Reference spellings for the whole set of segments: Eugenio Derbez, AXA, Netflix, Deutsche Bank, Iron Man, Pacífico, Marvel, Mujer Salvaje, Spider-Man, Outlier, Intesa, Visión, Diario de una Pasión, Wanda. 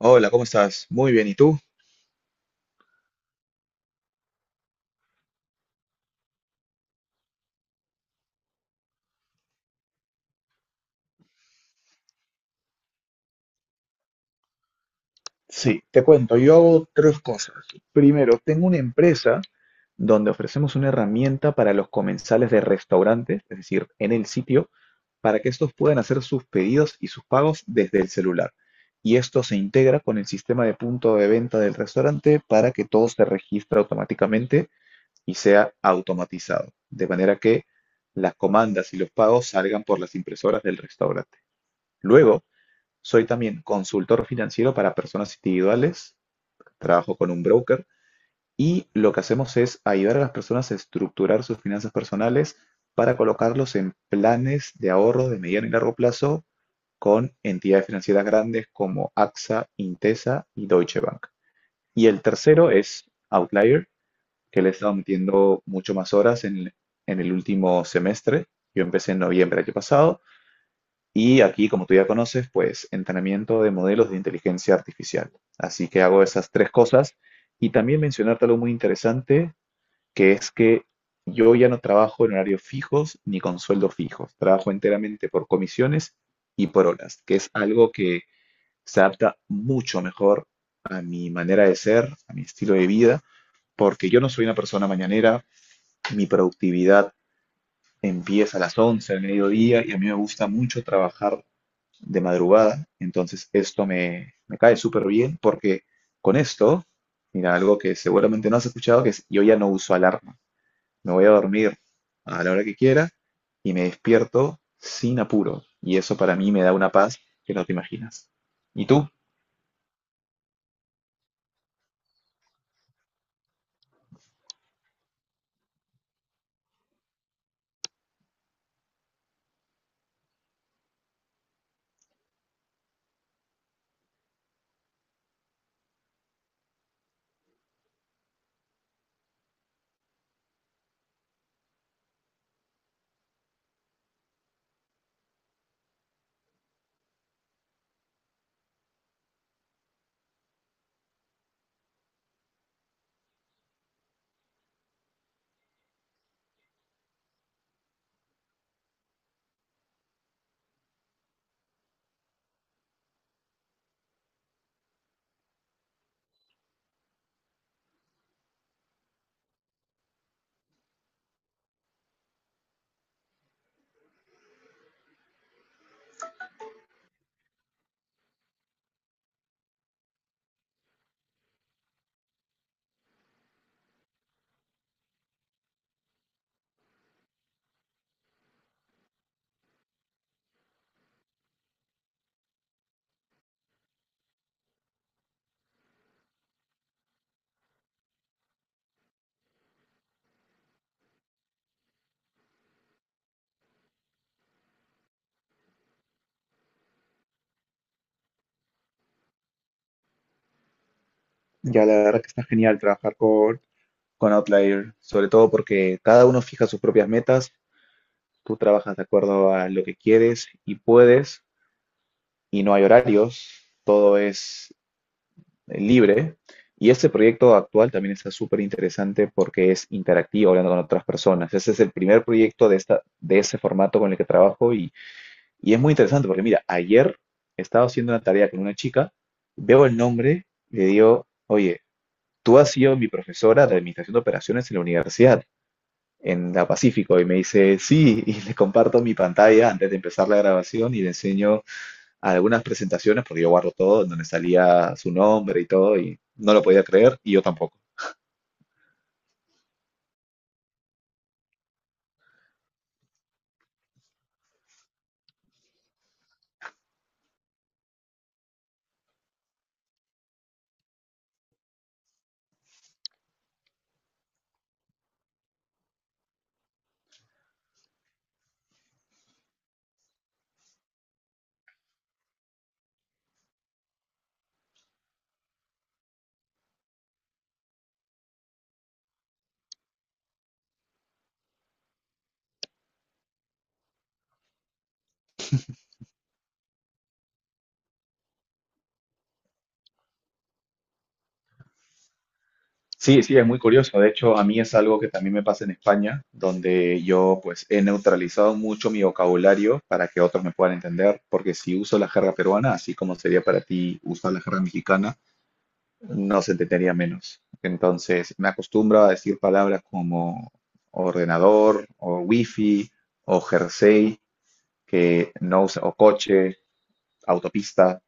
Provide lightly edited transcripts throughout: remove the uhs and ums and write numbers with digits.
Hola, ¿cómo estás? Muy bien, ¿y tú? Sí, te cuento, yo hago tres cosas. Primero, tengo una empresa donde ofrecemos una herramienta para los comensales de restaurantes, es decir, en el sitio, para que estos puedan hacer sus pedidos y sus pagos desde el celular. Y esto se integra con el sistema de punto de venta del restaurante para que todo se registre automáticamente y sea automatizado, de manera que las comandas y los pagos salgan por las impresoras del restaurante. Luego, soy también consultor financiero para personas individuales, trabajo con un broker y lo que hacemos es ayudar a las personas a estructurar sus finanzas personales para colocarlos en planes de ahorro de mediano y largo plazo con entidades financieras grandes como AXA, Intesa y Deutsche Bank. Y el tercero es Outlier, que le he estado metiendo mucho más horas en el último semestre. Yo empecé en noviembre del año pasado y aquí, como tú ya conoces, pues entrenamiento de modelos de inteligencia artificial. Así que hago esas tres cosas. Y también mencionarte algo muy interesante, que es que yo ya no trabajo en horarios fijos ni con sueldos fijos. Trabajo enteramente por comisiones y por horas, que es algo que se adapta mucho mejor a mi manera de ser, a mi estilo de vida, porque yo no soy una persona mañanera. Mi productividad empieza a las 11 del mediodía y a mí me gusta mucho trabajar de madrugada. Entonces esto me cae súper bien porque con esto, mira, algo que seguramente no has escuchado, que es yo ya no uso alarma. Me voy a dormir a la hora que quiera y me despierto sin apuro. Y eso para mí me da una paz que no te imaginas. ¿Y tú? Ya la verdad que está genial trabajar con Outlier, sobre todo porque cada uno fija sus propias metas, tú trabajas de acuerdo a lo que quieres y puedes, y no hay horarios, todo es libre. Y este proyecto actual también está súper interesante porque es interactivo, hablando con otras personas. Ese es el primer proyecto de, esta, de ese formato con el que trabajo y es muy interesante porque, mira, ayer estaba haciendo una tarea con una chica, veo el nombre, le digo, oye, tú has sido mi profesora de Administración de Operaciones en la universidad, en la Pacífico, y me dice, sí, y le comparto mi pantalla antes de empezar la grabación y le enseño algunas presentaciones, porque yo guardo todo, en donde salía su nombre y todo, y no lo podía creer, y yo tampoco. Sí, sí, es muy curioso. De hecho, a mí es algo que también me pasa en España, donde yo pues he neutralizado mucho mi vocabulario para que otros me puedan entender, porque si uso la jerga peruana, así como sería para ti usar la jerga mexicana, no se entendería menos. Entonces, me acostumbro a decir palabras como ordenador o wifi o jersey, que no usa, o coche, autopista,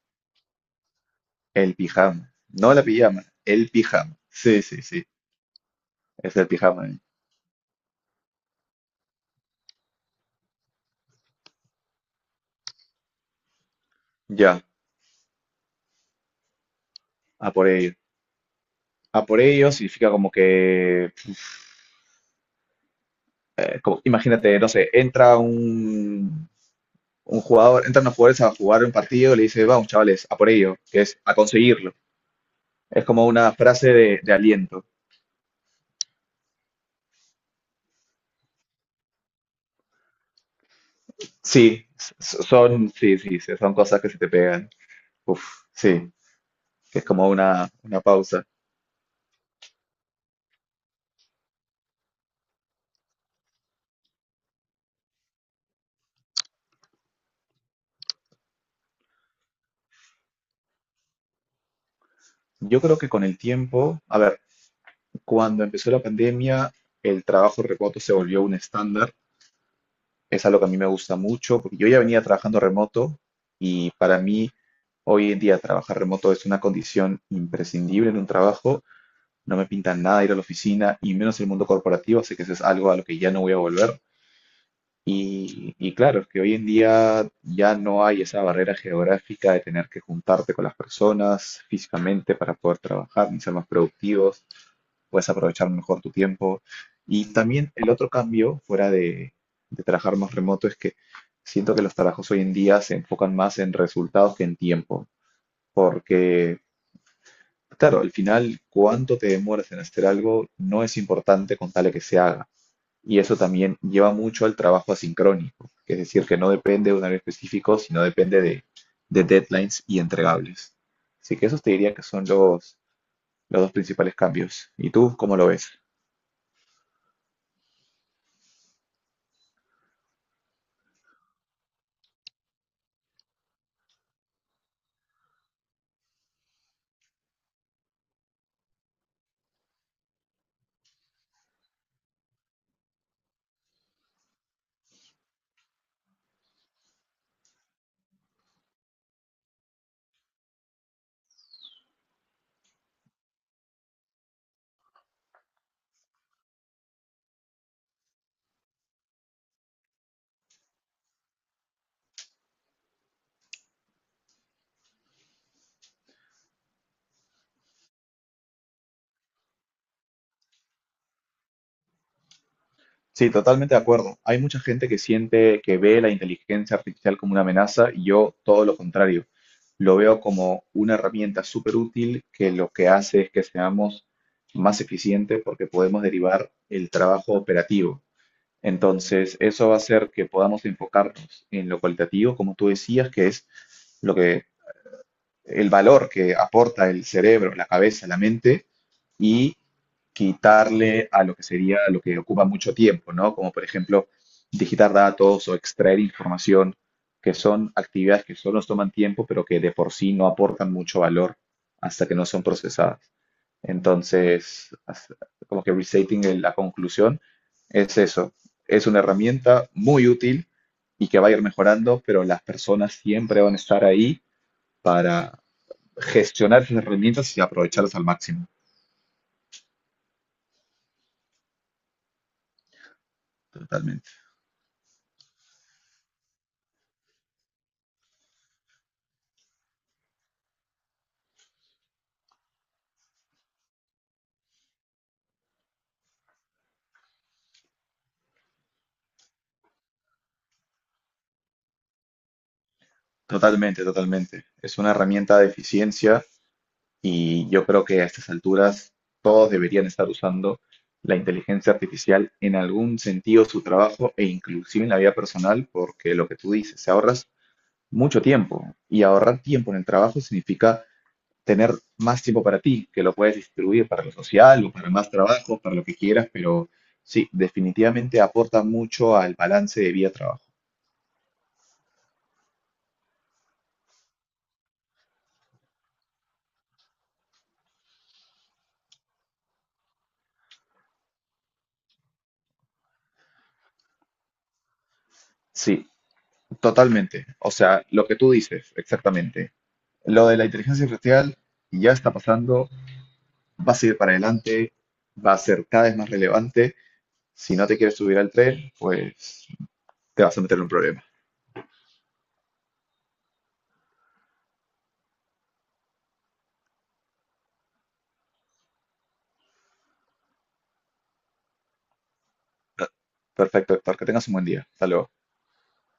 el pijama. No la pijama, el pijama. Sí, sí, sí. Es el pijama, ¿eh? Ya, a por ello. A por ello significa como que, imagínate, no sé, un jugador, entran los jugadores a jugar un partido y le dice, vamos, chavales, a por ello, que es a conseguirlo. Es como una frase de aliento. Sí, sí, sí, sí, son cosas que se te pegan. Uf, sí, que es como una pausa. Yo creo que con el tiempo, a ver, cuando empezó la pandemia, el trabajo remoto se volvió un estándar. Es algo que a mí me gusta mucho, porque yo ya venía trabajando remoto y para mí hoy en día trabajar remoto es una condición imprescindible en un trabajo. No me pinta nada ir a la oficina y menos el mundo corporativo, así que eso es algo a lo que ya no voy a volver. Y claro, es que hoy en día ya no hay esa barrera geográfica de tener que juntarte con las personas físicamente para poder trabajar ni ser más productivos, puedes aprovechar mejor tu tiempo. Y también el otro cambio, fuera de trabajar más remoto, es que siento que los trabajos hoy en día se enfocan más en resultados que en tiempo, porque, claro, al final, cuánto te demoras en hacer algo no es importante con tal de que se haga. Y eso también lleva mucho al trabajo asincrónico, que es decir, que no depende de un área específico, sino depende de deadlines y entregables. Así que esos te diría que son los dos principales cambios. ¿Y tú cómo lo ves? Sí, totalmente de acuerdo. Hay mucha gente que siente que ve la inteligencia artificial como una amenaza y yo todo lo contrario. Lo veo como una herramienta súper útil que lo que hace es que seamos más eficientes porque podemos derivar el trabajo operativo. Entonces, eso va a hacer que podamos enfocarnos en lo cualitativo, como tú decías, que es lo que el valor que aporta el cerebro, la cabeza, la mente y quitarle a lo que sería lo que ocupa mucho tiempo, ¿no? Como por ejemplo digitar datos o extraer información, que son actividades que solo nos toman tiempo, pero que de por sí no aportan mucho valor hasta que no son procesadas. Entonces, como que restating la conclusión es eso, es una herramienta muy útil y que va a ir mejorando, pero las personas siempre van a estar ahí para gestionar esas herramientas y aprovecharlas al máximo. Totalmente, totalmente, totalmente. Es una herramienta de eficiencia y yo creo que a estas alturas todos deberían estar usando la inteligencia artificial en algún sentido, su trabajo e inclusive en la vida personal, porque lo que tú dices, se ahorras mucho tiempo y ahorrar tiempo en el trabajo significa tener más tiempo para ti, que lo puedes distribuir para lo social o para más trabajo, para lo que quieras, pero sí, definitivamente aporta mucho al balance de vida-trabajo. Sí, totalmente. O sea, lo que tú dices, exactamente. Lo de la inteligencia artificial ya está pasando, va a seguir para adelante, va a ser cada vez más relevante. Si no te quieres subir al tren, pues te vas a meter en un problema. Perfecto, Héctor, que tengas un buen día. Hasta luego.